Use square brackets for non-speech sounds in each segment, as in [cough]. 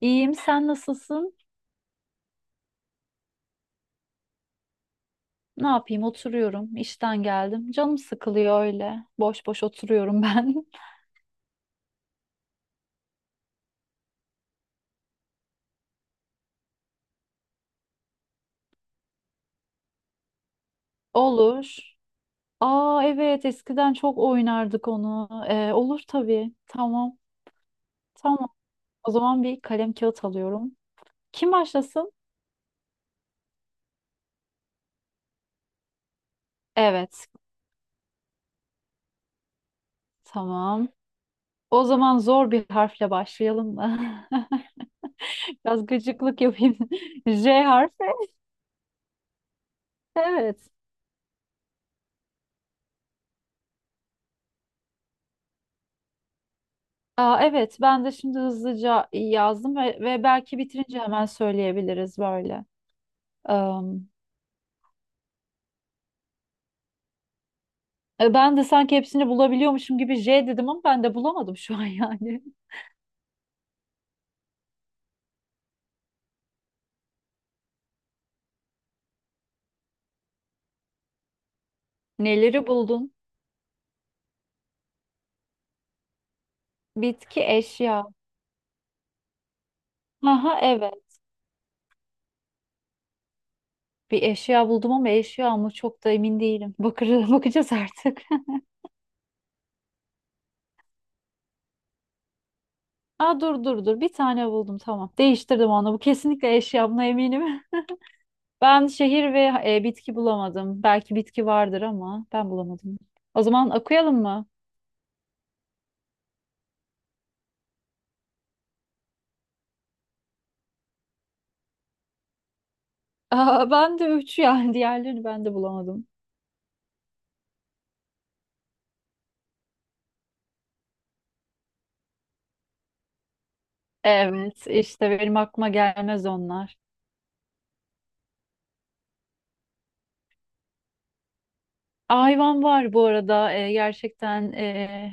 İyiyim, sen nasılsın? Ne yapayım, oturuyorum. İşten geldim. Canım sıkılıyor öyle. Boş boş oturuyorum ben. [laughs] Olur. Aa evet, eskiden çok oynardık onu. Olur tabii. Tamam, tamam. O zaman bir kalem kağıt alıyorum. Kim başlasın? Evet, tamam. O zaman zor bir harfle başlayalım mı? [laughs] Biraz gıcıklık yapayım. [laughs] J harfi. Evet. Aa, evet ben de şimdi hızlıca yazdım ve belki bitirince hemen söyleyebiliriz böyle. Am, Ben de sanki hepsini bulabiliyormuşum gibi J dedim ama ben de bulamadım şu an yani. [laughs] Neleri buldun? Bitki, eşya. Aha evet. Bir eşya buldum ama eşya mı çok da emin değilim. Bakır, [laughs] bakacağız artık. [laughs] Aa, dur bir tane buldum, tamam. Değiştirdim onu. Bu kesinlikle eşya, buna eminim. [laughs] Ben şehir ve bitki bulamadım. Belki bitki vardır ama ben bulamadım. O zaman okuyalım mı? Aa, ben de üç yani, diğerlerini ben de bulamadım. Evet işte benim aklıma gelmez onlar. Hayvan var bu arada gerçekten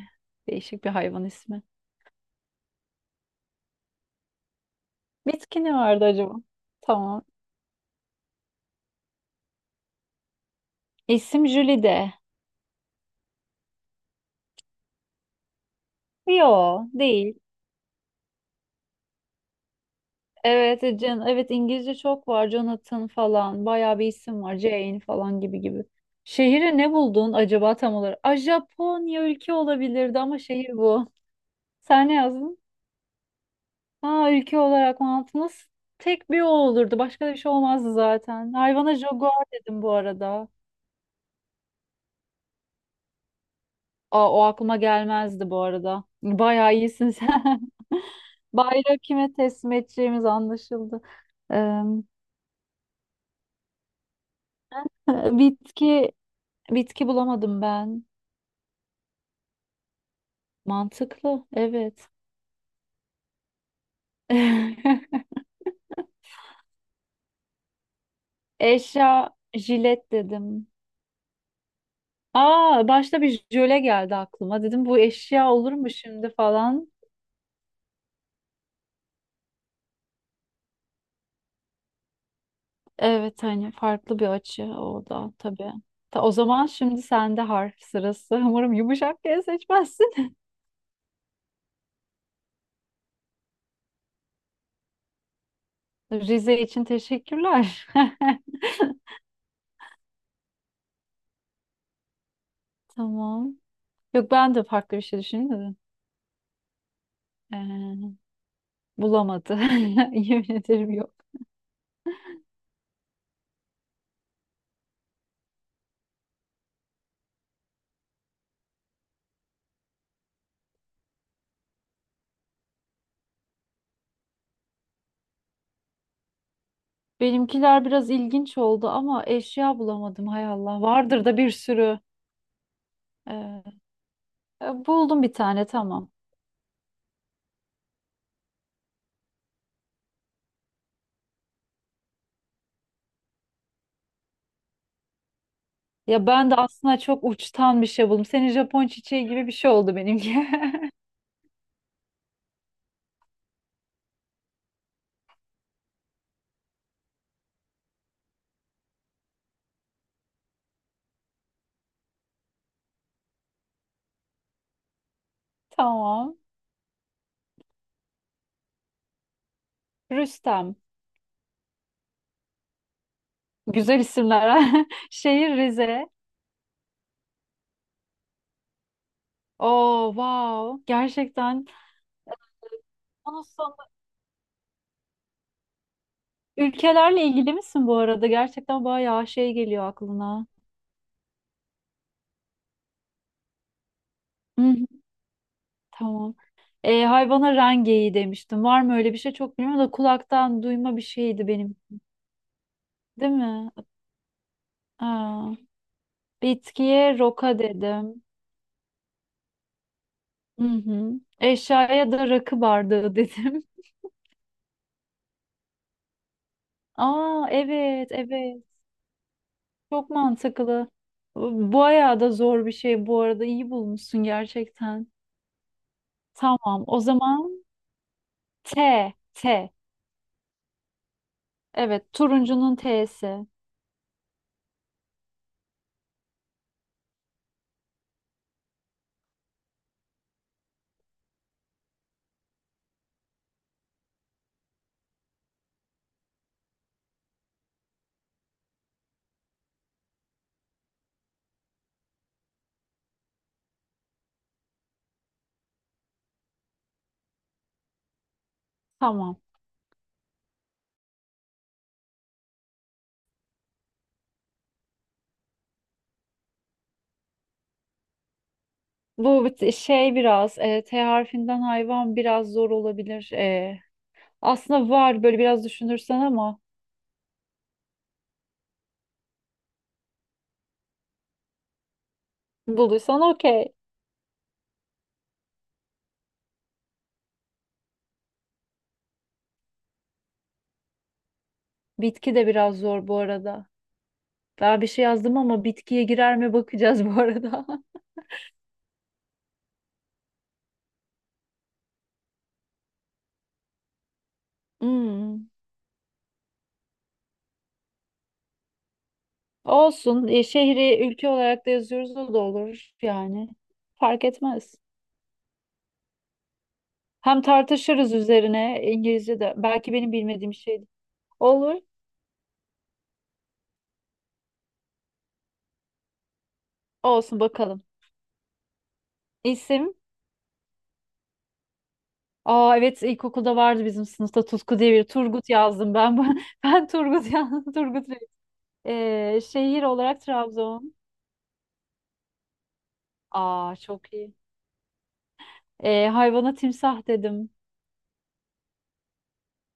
değişik bir hayvan ismi. Bitki ne vardı acaba? Tamam. İsim Jülide. Yo, değil. Evet, evet İngilizce çok var. Jonathan falan bayağı bir isim var. Jane falan gibi gibi. Şehri ne buldun acaba tam olarak? A, Japonya ülke olabilirdi ama şehir bu. Sen ne yazdın? Ha, ülke olarak mantı nasıl? Tek bir o olurdu. Başka da bir şey olmazdı zaten. Hayvana jaguar dedim bu arada. Aa, o aklıma gelmezdi bu arada. Bayağı iyisin sen. [laughs] Bayrağı kime teslim edeceğimiz anlaşıldı. Eee, [laughs] bitki bitki bulamadım ben. Mantıklı. Evet. [laughs] Eşya jilet dedim. Aa, başta bir jöle geldi aklıma. Dedim bu eşya olur mu şimdi falan. Evet hani farklı bir açı o da tabii. Ta, o zaman şimdi sende harf sırası. [laughs] Umarım yumuşak G seçmezsin. [laughs] Rize için teşekkürler. [laughs] Tamam. Yok, ben de farklı bir şey düşündüm. Ee, Bulamadı. [laughs] Yemin ederim yok. Benimkiler biraz ilginç oldu ama eşya bulamadım hay Allah. Vardır da bir sürü. Ee, Buldum bir tane, tamam. Ya ben de aslında çok uçtan bir şey buldum. Senin Japon çiçeği gibi bir şey oldu benimki. [laughs] Tamam. Rüstem. Güzel isimler. Ha. [laughs] Şehir Rize. Oo wow. Gerçekten. e, Bunun sonu- ülkelerle ilgili misin bu arada? Gerçekten bayağı şey geliyor aklına. Hı hı. Tamam. E, hayvana rengeyi demiştim. Var mı öyle bir şey çok bilmiyorum da kulaktan duyma bir şeydi benim. Değil mi? Aa, bitkiye roka dedim. Hı hı. Eşyaya da rakı bardağı dedim. [laughs] Aa evet evet. Çok mantıklı. Bu bayağı da zor bir şey bu arada. İyi bulmuşsun gerçekten. Tamam o zaman T. T. Evet, turuncunun T'si. Tamam. Bu bit- şey biraz e, T harfinden hayvan biraz zor olabilir. E, aslında var böyle biraz düşünürsen ama bulduysan okey. Bitki de biraz zor bu arada. Ben bir şey yazdım ama bitkiye girer mi bakacağız bu arada. [laughs] Hmm. Olsun. E, şehri ülke olarak da yazıyoruz, o da olur yani. Fark etmez. Hem tartışırız üzerine, İngilizce de, belki benim bilmediğim şeydi. Olur. Olsun bakalım. İsim? Aa evet ilkokulda vardı bizim sınıfta Tutku diye bir Turgut yazdım ben. [laughs] Ben Turgut yazdım. Turgut Bey. Şehir olarak Trabzon. Aa çok iyi. Hayvana timsah dedim.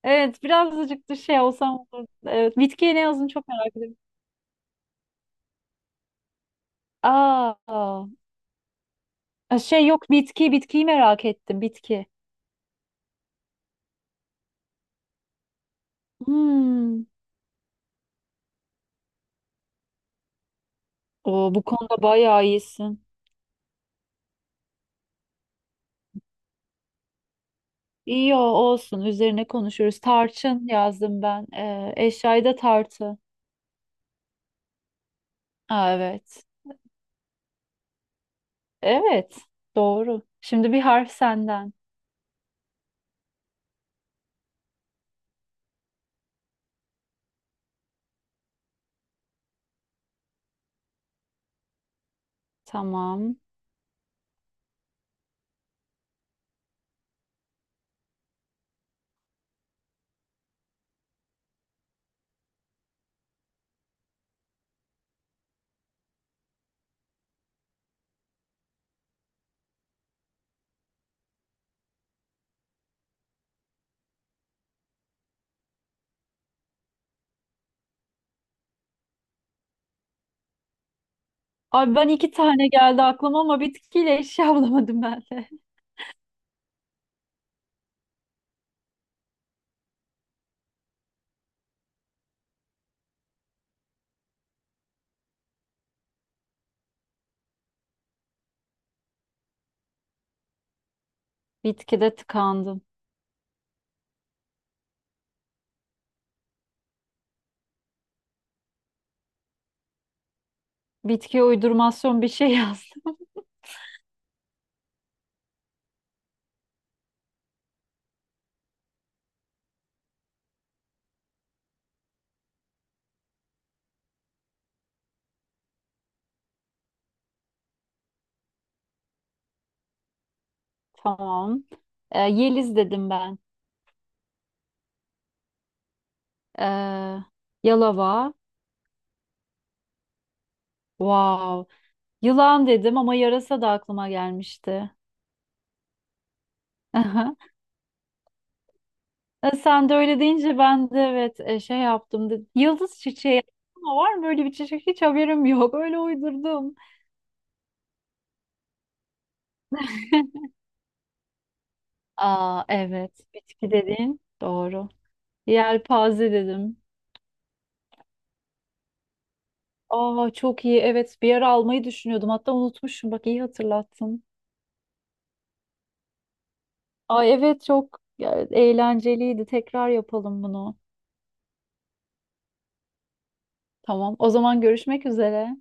Evet birazcık da şey olsam olur. Evet, bitkiye ne yazdın çok merak ediyorum. Aa, aa. Şey, yok bitki, bitkiyi merak ettim. Hmm. Oo, bu konuda bayağı iyisin. Olsun, üzerine konuşuruz. Tarçın yazdım ben. Eşyayı da tartı. Aa, evet. Evet doğru. Şimdi bir harf senden. Tamam. Abi ben iki tane geldi aklıma ama bitkiyle eşya bulamadım ben de. Bitkide tıkandım. Bitkiye uydurmasyon bir şey yazdım. [laughs] Tamam. Yeliz dedim ben. Ee, Yalava. Wow. Yılan dedim ama yarasa da aklıma gelmişti. [laughs] E, sen de öyle deyince ben de evet şey yaptım dedim. Yıldız çiçeği ama var mı öyle bir çiçek? Hiç haberim yok. Öyle uydurdum. Aa evet. Bitki dedin. Doğru. Yelpaze dedim. Aa çok iyi. Evet bir ara almayı düşünüyordum. Hatta unutmuşum. Bak iyi hatırlattın. Ay evet çok ya, eğlenceliydi. Tekrar yapalım bunu. Tamam. O zaman görüşmek üzere.